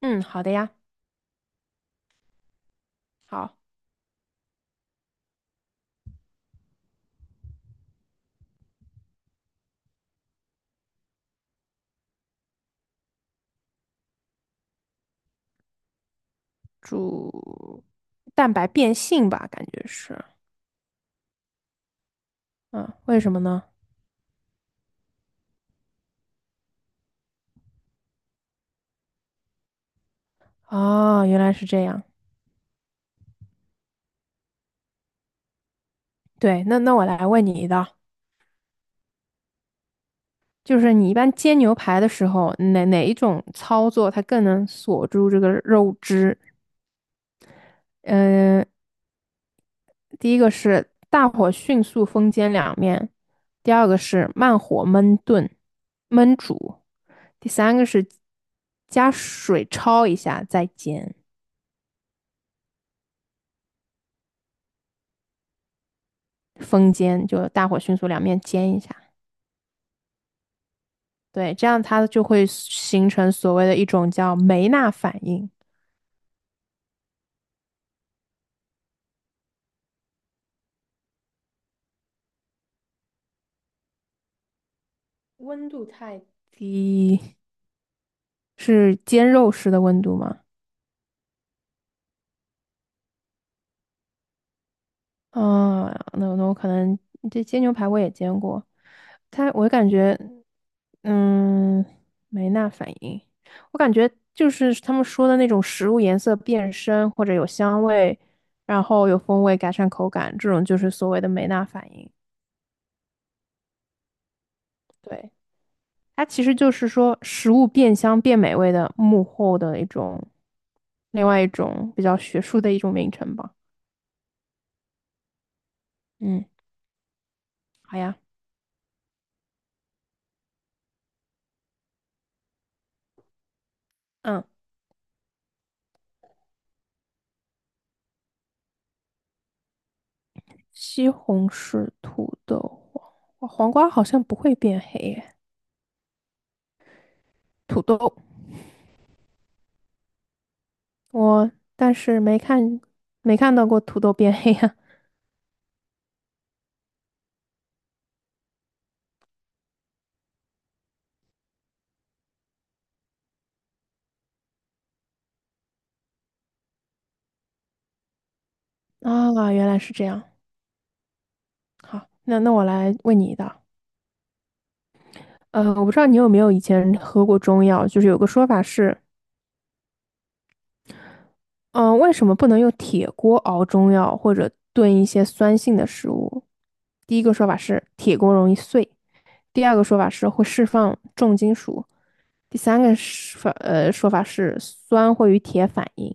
嗯，好的呀，好，煮蛋白变性吧，感觉是，嗯，为什么呢？哦，原来是这样。对，那我来问你一道，就是你一般煎牛排的时候，哪一种操作它更能锁住这个肉汁？嗯，第一个是大火迅速封煎两面，第二个是慢火焖炖、焖煮，第三个是加水焯一下再煎。风煎，就大火迅速两面煎一下。对，这样它就会形成所谓的一种叫梅纳反应。温度太低是煎肉时的温度吗？啊，那我可能这煎牛排我也煎过，它我感觉，嗯，梅纳反应，我感觉就是他们说的那种食物颜色变深或者有香味，然后有风味改善口感，这种就是所谓的梅纳反应。对，它其实就是说食物变香变美味的幕后的一种，另外一种比较学术的一种名称吧。嗯，好呀，嗯，西红柿、土豆、黄瓜，黄瓜好像不会变黑耶。土豆，我但是没看到过土豆变黑呀。啊，原来是这样。好，那我来问你一道。我不知道你有没有以前喝过中药，就是有个说法是，为什么不能用铁锅熬中药或者炖一些酸性的食物？第一个说法是铁锅容易碎，第二个说法是会释放重金属，第三个是法呃说法是酸会与铁反应，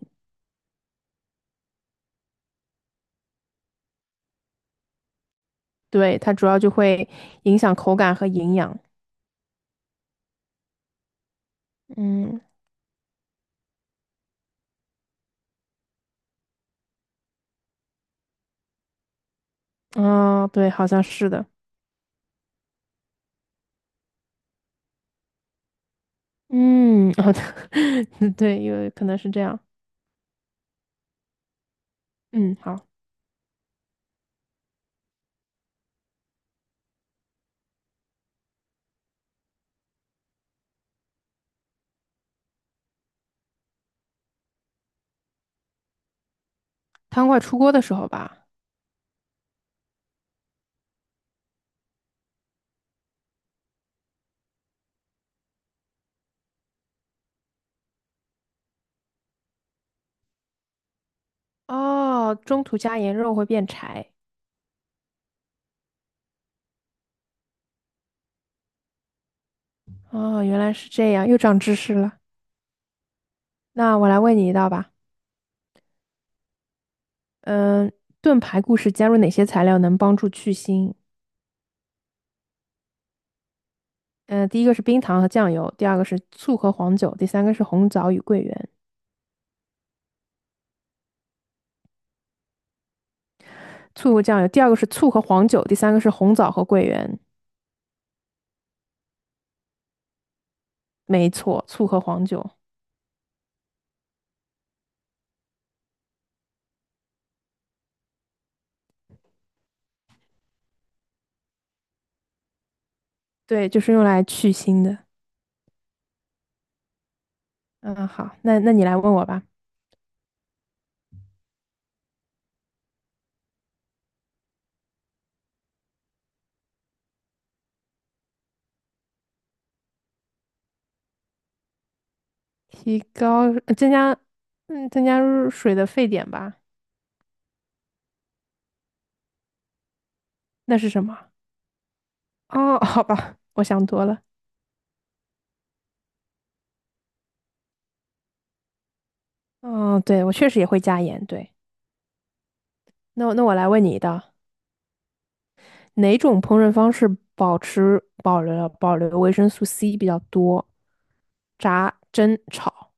对，它主要就会影响口感和营养。嗯，啊、对，好像是的。嗯，好的，对，有可能是这样。嗯，好，汤快出锅的时候吧。哦，中途加盐肉会变柴。哦，原来是这样，又长知识了。那我来问你一道吧。嗯，炖排骨时加入哪些材料能帮助去腥？嗯，第一个是冰糖和酱油，第二个是醋和黄酒，第三个是红枣与桂圆。醋和酱油，第二个是醋和黄酒，第三个是红枣和桂圆。没错，醋和黄酒，对，就是用来去腥的。嗯，好，那你来问我吧。提高，呃增加，增加入水的沸点吧。那是什么？哦，好吧，我想多了。嗯，对，我确实也会加盐，对。那我来问你一道，哪种烹饪方式保留维生素 C 比较多？炸、蒸、炒，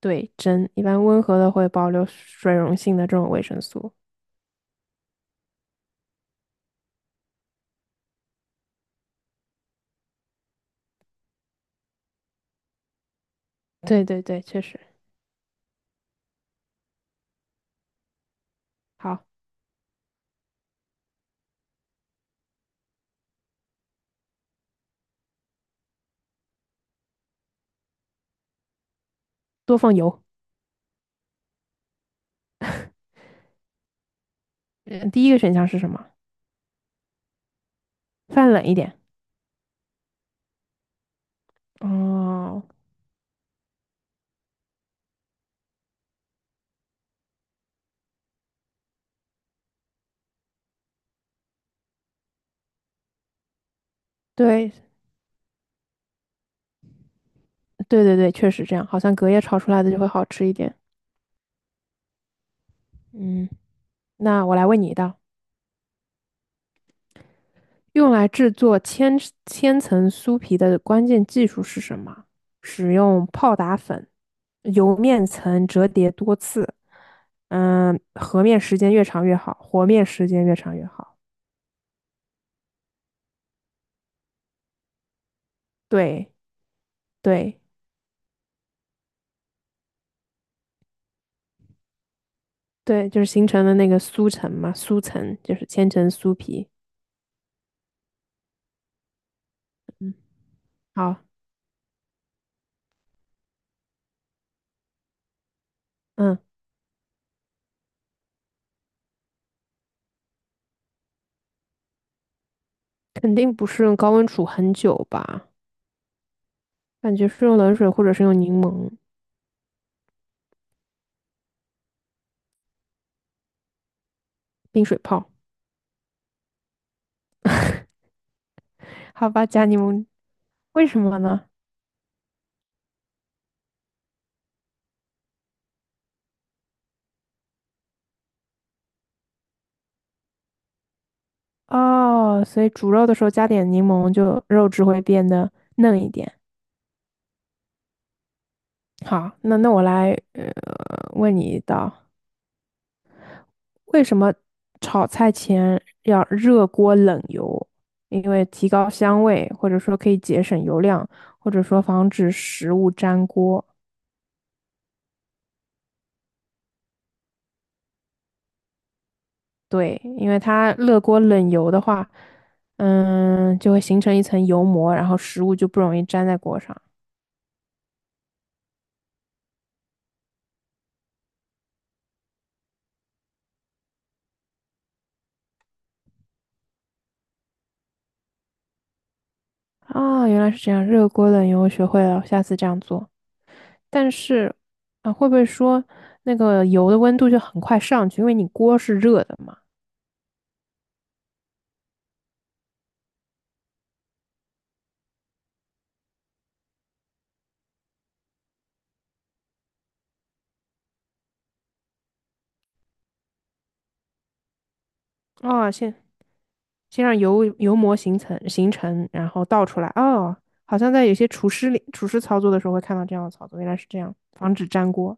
对，蒸，一般温和的会保留水溶性的这种维生素。对对对，确实。好，多放油。嗯，第一个选项是什么？放冷一点。哦，对对对对，确实这样，好像隔夜炒出来的就会好吃一点。嗯，那我来问你一道。用来制作千层酥皮的关键技术是什么？使用泡打粉，由面层折叠多次。嗯，和面时间越长越好，和面时间越长越好。对对对，就是形成的那个酥层嘛，酥层就是千层酥皮。好，嗯，肯定不是用高温煮很久吧？感觉是用冷水或者是用柠檬冰水泡。好吧，加柠檬，为什么呢？哦，所以煮肉的时候加点柠檬，就肉质会变得嫩一点。好，那我来问你一道，为什么炒菜前要热锅冷油？因为提高香味，或者说可以节省油量，或者说防止食物粘锅。对，因为它热锅冷油的话，嗯，就会形成一层油膜，然后食物就不容易粘在锅上。啊、原来是这样，热锅冷油我学会了，我下次这样做。但是啊，会不会说那个油的温度就很快上去，因为你锅是热的嘛？哦，先让油膜形成，然后倒出来。哦，好像在有些厨师操作的时候会看到这样的操作，原来是这样，防止粘锅。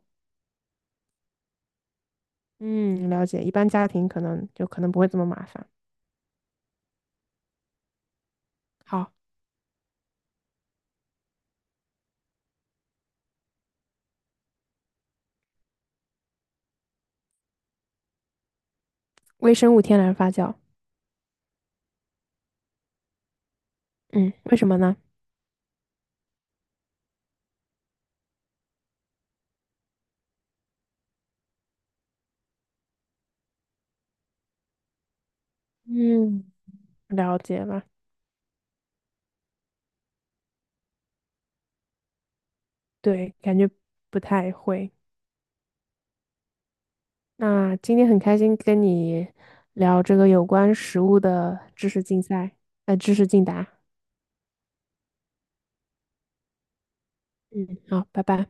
嗯，了解。一般家庭可能不会这么麻烦。好，微生物天然发酵。嗯，为什么呢？嗯，了解了，对，感觉不太会。那今天很开心跟你聊这个有关食物的知识竞答。嗯，好，拜拜。